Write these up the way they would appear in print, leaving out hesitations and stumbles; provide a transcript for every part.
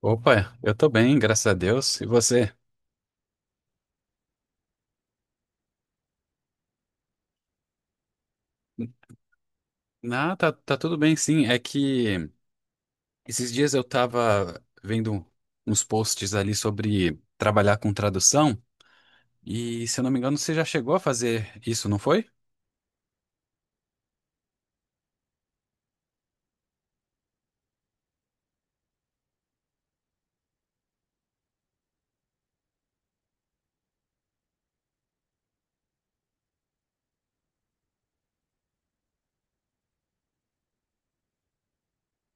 Opa, eu tô bem, graças a Deus. E você? Ah, tá, tá tudo bem, sim. É que esses dias eu tava vendo uns posts ali sobre trabalhar com tradução, e se eu não me engano, você já chegou a fazer isso, não foi?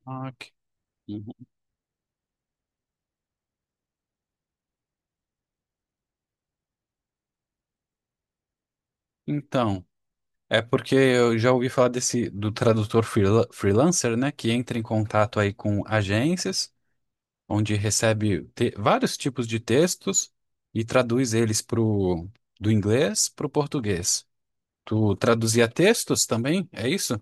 Ah, ok. Uhum. Então, é porque eu já ouvi falar desse do tradutor freelancer, né, que entra em contato aí com agências, onde vários tipos de textos e traduz eles do inglês para o português. Tu traduzia textos também? É isso?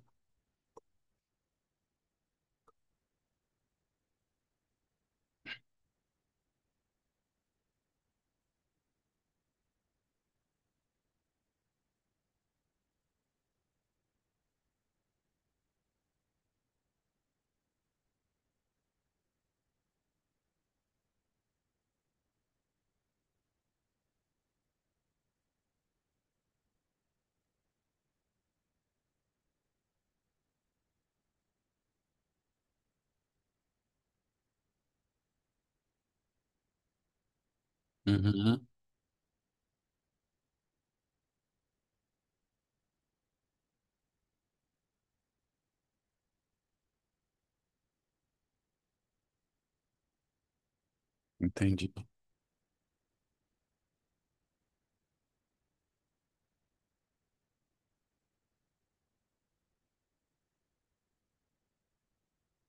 Uhum, entendi.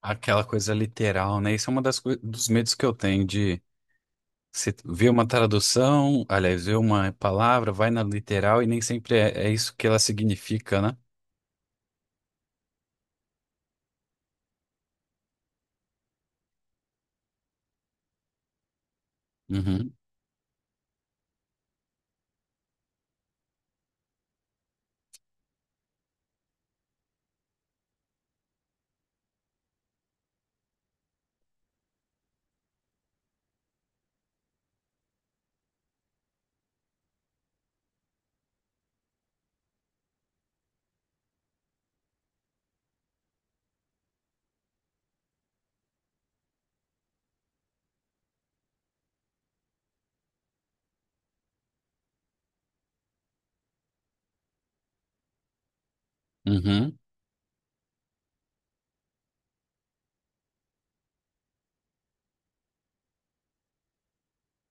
Aquela coisa literal, né? Isso é uma dos medos que eu tenho de se ver uma tradução, aliás, ver uma palavra, vai na literal e nem sempre é isso que ela significa, né? Uhum, uhum.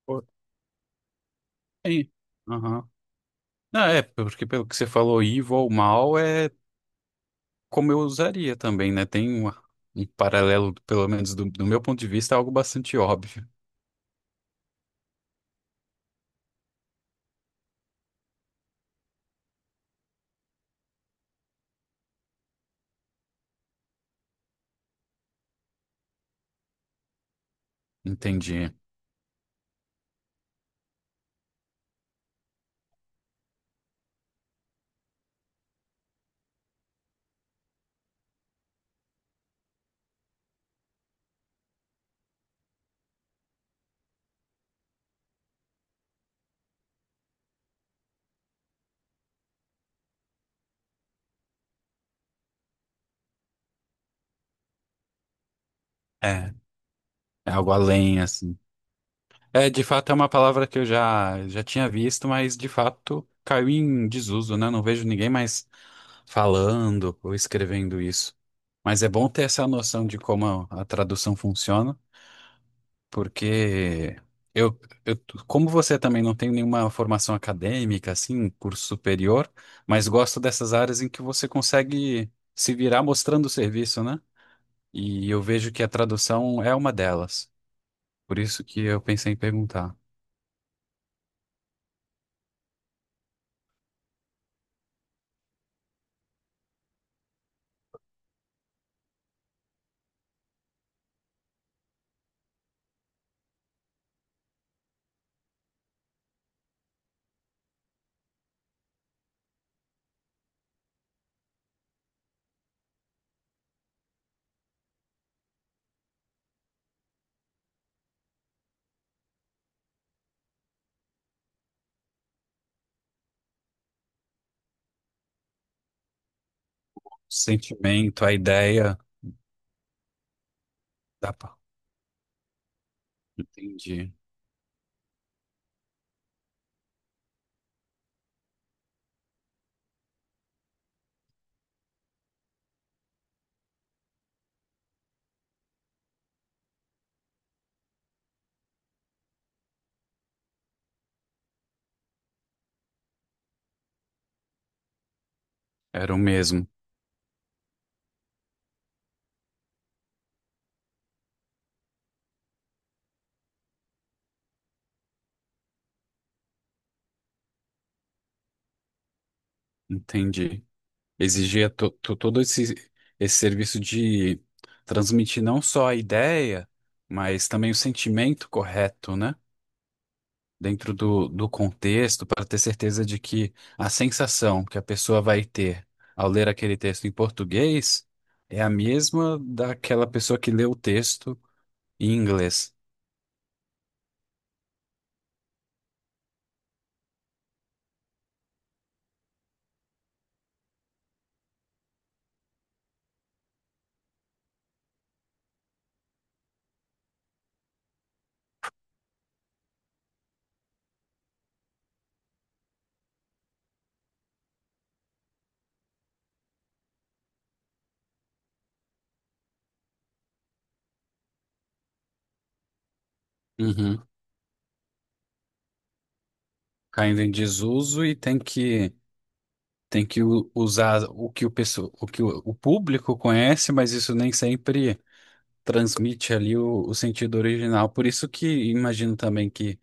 Pô, é, aham. Não, é, porque pelo que você falou, evil, mal, é como eu usaria também, né? Um paralelo, pelo menos do meu ponto de vista, é algo bastante óbvio. Entendi. É, é algo além, assim. É, de fato, é uma palavra que já tinha visto, mas de fato caiu em desuso, né? Não vejo ninguém mais falando ou escrevendo isso. Mas é bom ter essa noção de como a tradução funciona. Porque eu, eu, como você também não tem nenhuma formação acadêmica, assim, curso superior, mas gosto dessas áreas em que você consegue se virar mostrando o serviço, né? E eu vejo que a tradução é uma delas. Por isso que eu pensei em perguntar. O sentimento, a ideia. Dá pra... Entendi. Era o mesmo. Entendi. Exigia todo esse serviço de transmitir não só a ideia, mas também o sentimento correto, né? Dentro do contexto, para ter certeza de que a sensação que a pessoa vai ter ao ler aquele texto em português é a mesma daquela pessoa que lê o texto em inglês. Uhum. Caindo em desuso e tem que usar o que o pessoa, o que o público conhece, mas isso nem sempre transmite ali o sentido original. Por isso que imagino também que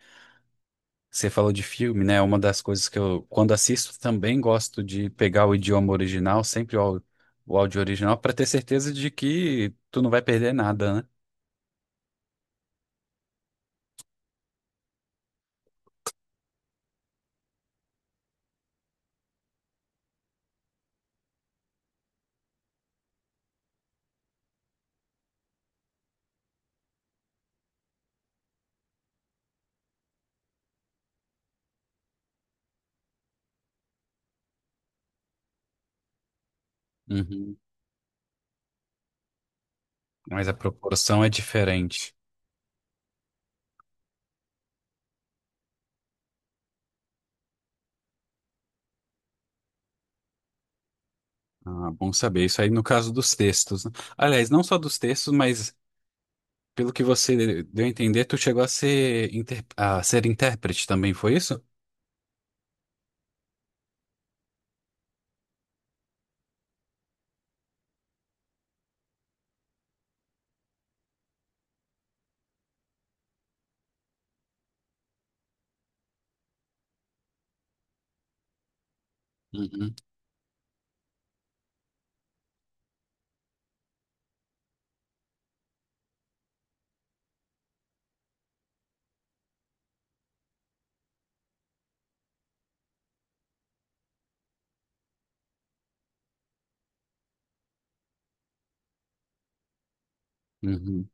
você falou de filme, né? Uma das coisas que eu, quando assisto, também gosto de pegar o idioma original, sempre o áudio original, para ter certeza de que tu não vai perder nada, né? Uhum. Mas a proporção é diferente. Ah, bom saber. Isso aí no caso dos textos, né? Aliás, não só dos textos, mas pelo que você deu a entender, tu chegou a ser intérprete também, foi isso? Uhum. Uhum.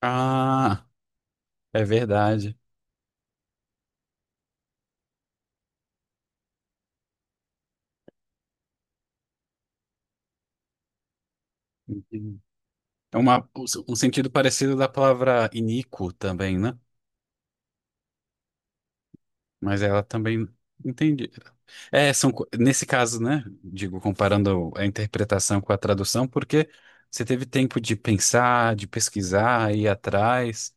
Ah, é verdade. É uma, um sentido parecido da palavra iníquo também, né? Mas ela também entendi. É, são, nesse caso, né? Digo, comparando a interpretação com a tradução, porque você teve tempo de pensar, de pesquisar, ir atrás,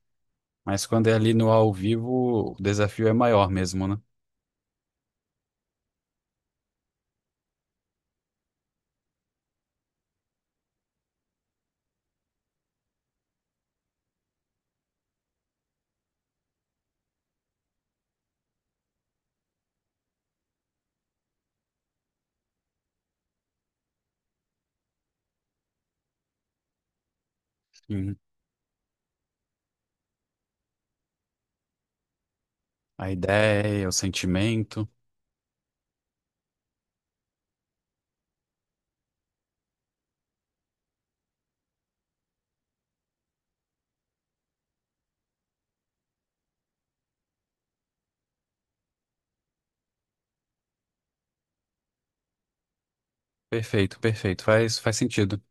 mas quando é ali no ao vivo, o desafio é maior mesmo, né? Sim. A ideia, o sentimento. Perfeito, perfeito. Faz sentido.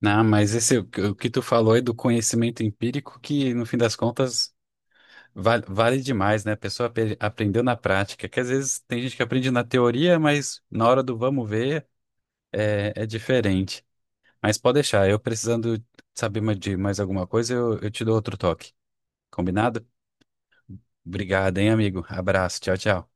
Não, mas esse, o que tu falou é do conhecimento empírico que, no fim das contas, vale, vale demais, né? A pessoa aprendeu na prática, que às vezes tem gente que aprende na teoria, mas na hora do vamos ver é, é diferente. Mas pode deixar, eu precisando saber de mais alguma coisa, eu te dou outro toque. Combinado? Obrigado, hein, amigo? Abraço, tchau, tchau.